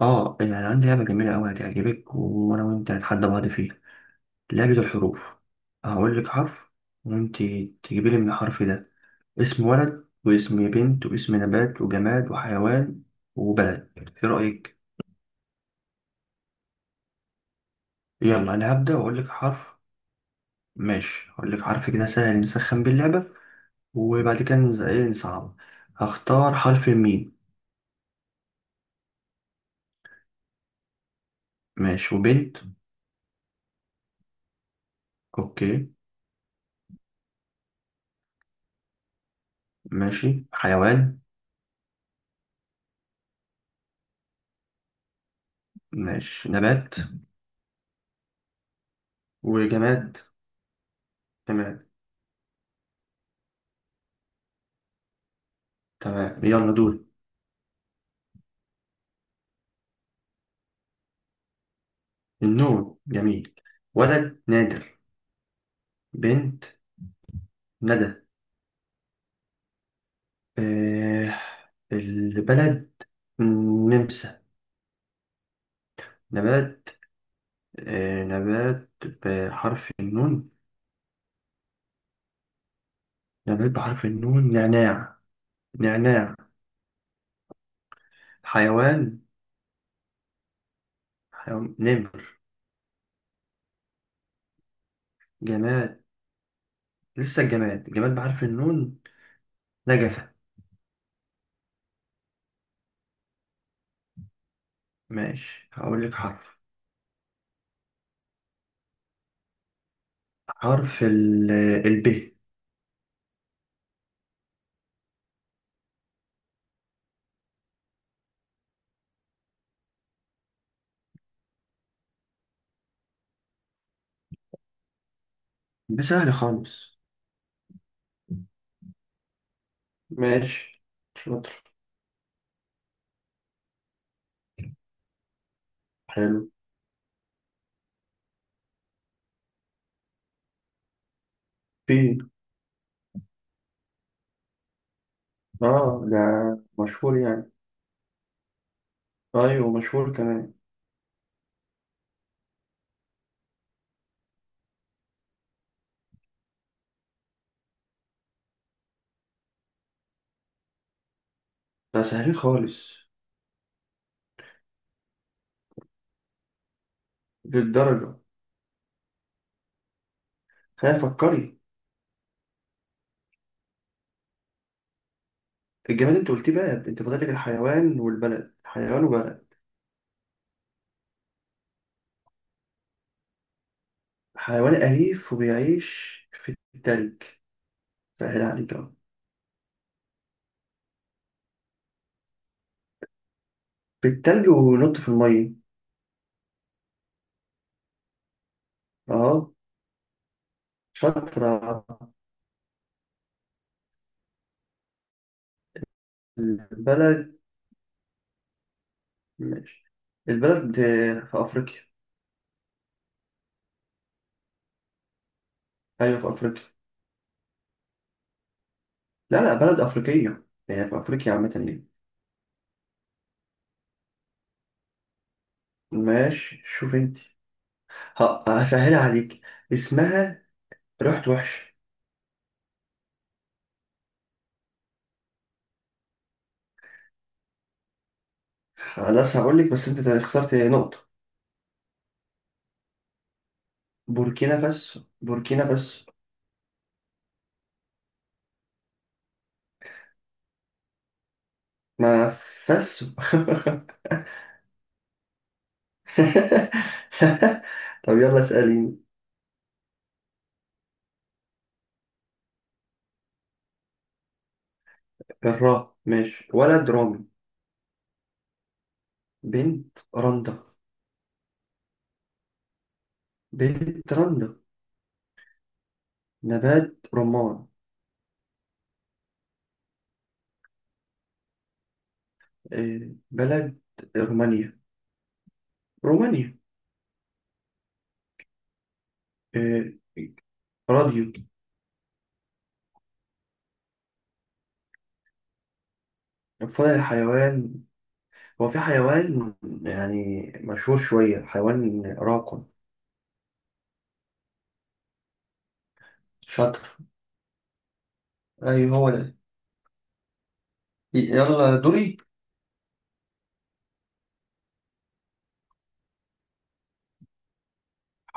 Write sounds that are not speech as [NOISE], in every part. اه، يعني عندي لعبة جميلة أوي هتعجبك. وأنا وأنت هنتحدى بعض فيها. لعبة الحروف. هقول لك حرف وأنت تجيبي لي من الحرف ده اسم ولد واسم بنت واسم نبات وجماد وحيوان وبلد. إيه رأيك؟ يلا أنا هبدأ وأقول لك حرف. ماشي، هقول لك حرف كده سهل نسخن بيه اللعبة، وبعد كده إيه نصعب. هختار حرف الميم. ماشي، وبنت. أوكي. ماشي، حيوان. ماشي، نبات وجماد. تمام تمام، يلا دول. النون جميل. ولد نادر. بنت ندى. آه، البلد نمسا. نبات، آه نبات بحرف النون. نبات بحرف النون، نعناع نعناع. حيوان، حيوان نمر. جماد، لسه الجماد، جماد بحرف النون، نجفة. ماشي، هقول لك حرف. حرف ال ب. ده سهل خالص. ماشي، شاطر، حلو. ب، اه ده مشهور يعني. ايوه مشهور كمان. ده سهلين خالص. للدرجة. خلينا فكري. الجماد انت قلتيه بقى، انت فاضلك الحيوان والبلد، حيوان وبلد. حيوان أليف وبيعيش في التلج. سهل عليك أهو. في التلج وينط في المية. اه، شاطرة. البلد، ماشي. البلد، آه، في أفريقيا. أيوة في أفريقيا. لا لا، بلد أفريقية. هي في أفريقيا عامة يعني. ماشي شوف انت، هسهلها عليك. اسمها رحت وحش. خلاص هقول لك، بس انت خسرت نقطة. بوركينا فاسو، بوركينا فاسو. ما فاسو. [LAUGHS] طب يلا اسأليني. الراء، ماشي. ولد رامي. بنت رندا، بنت رندا. نبات رمان. آه، بلد رومانيا. رومانيا. آه، راديو. فضل الحيوان. هو في حيوان يعني مشهور شوية، حيوان راقم. شاطر، أيوه هو ده. يلا دوري.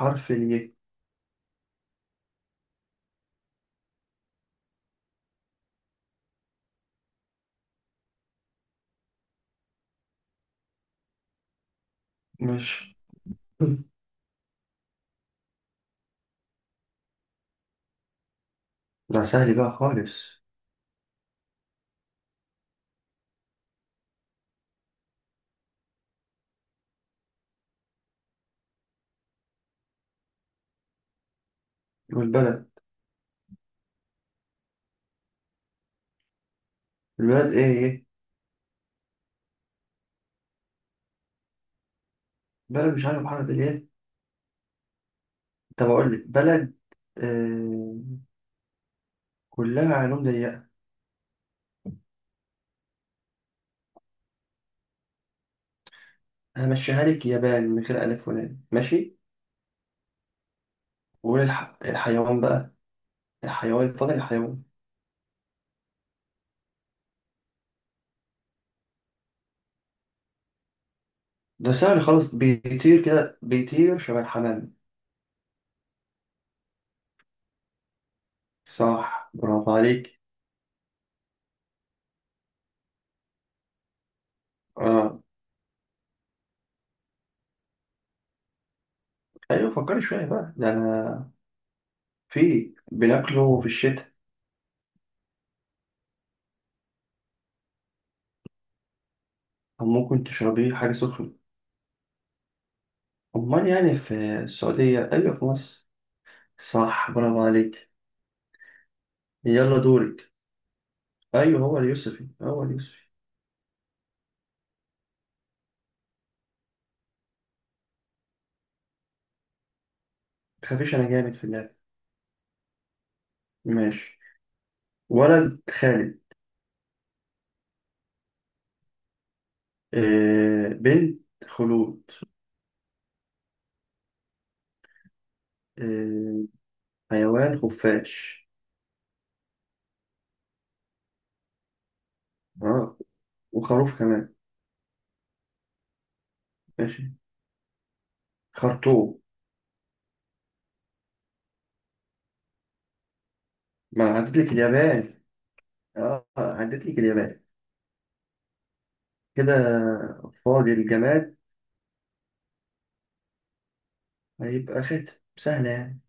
حرف الياء. ماشي، ده سهل بقى خالص. والبلد، البلد ايه ايه. بلد، مش عارف حرف الياء. طب اقول لك بلد. آه، كلها علوم ضيقة. همشيها لك يابان من غير ألف ولام، ماشي. الحيوان بقى. الحيوان، فاضل الحيوان. ده سهل خالص، بيطير كده، بيطير شبه الحمام. صح، برافو عليك. اه، ايوه فكري شوية بقى. ده انا في بناكله في الشتاء، أو ممكن تشربيه حاجة سخنة. أمال يعني في السعودية؟ أيوة، في مصر. صح، برافو عليك. يلا دورك. أيوة هو اليوسفي، هو اليوسفي. متخافيش، أنا جامد في اللعب. ماشي، ولد خالد. آه، بنت خلود. آه، حيوان خفاش. آه، وخروف كمان. ماشي، خرطوم. ما أنا عديت لك اليابان. آه، عديت لك اليابان. كده. فاضي الجماد. هيبقى خاتم، سهلة يعني.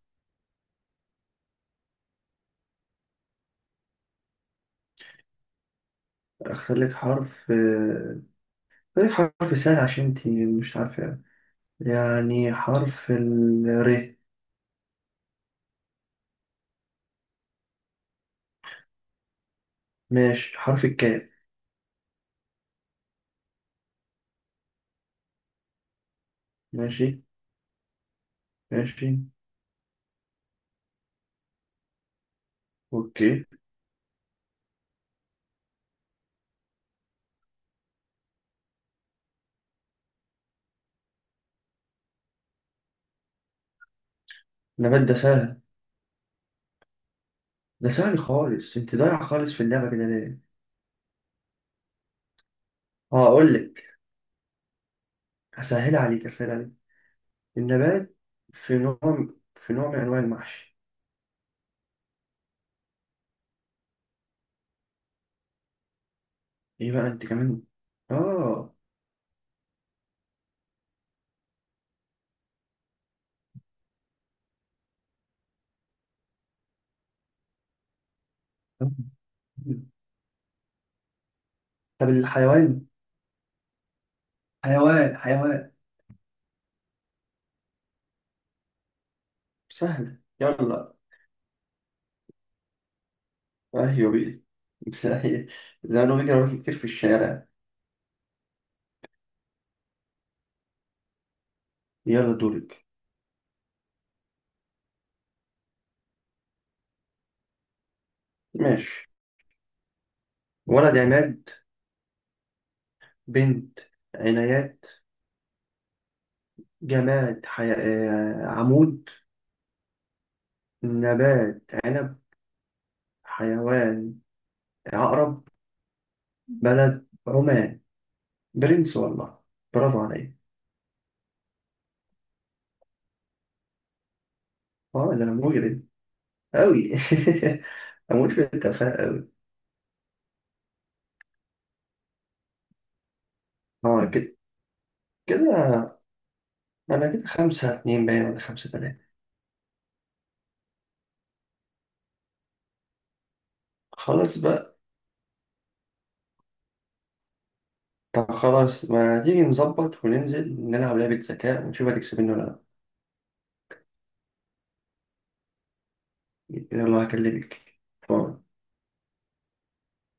أختار لك حرف، آه، طيب حرف سهل عشان انت مش عارفة يعني. حرف ال ر. ماشي، حرف الكاف. ماشي ماشي. اوكي. النبات ده سهل، ده سهل خالص. انت ضايع خالص في اللعبة كده ليه؟ اه اقول لك، هسهل عليك، هسهل عليك. النبات، في نوع، في نوع من انواع المحشي. ايه بقى انت كمان. اه. طب الحيوان، حيوان حيوان. سهل يلا. ايوه بيه. [LAUGHS] زي، زي ما بيجري كتير في الشارع. يلا دورك. ماشي، ولد عماد. بنت عنايات. جماد، آه، عمود. نبات عنب. حيوان عقرب. بلد عمان. برنس والله، برافو عليا. اه ده انا مجرد، أوي. [LAUGHS] أموت في التفاهة أوي. اه كده، كده. أنا كده 5-2 باين، ولا 5-3. خلاص بقى. طب خلاص، ما تيجي نظبط وننزل نلعب لعبة ذكاء ونشوف هتكسبني ولا لأ. يلا هكلمك. باي.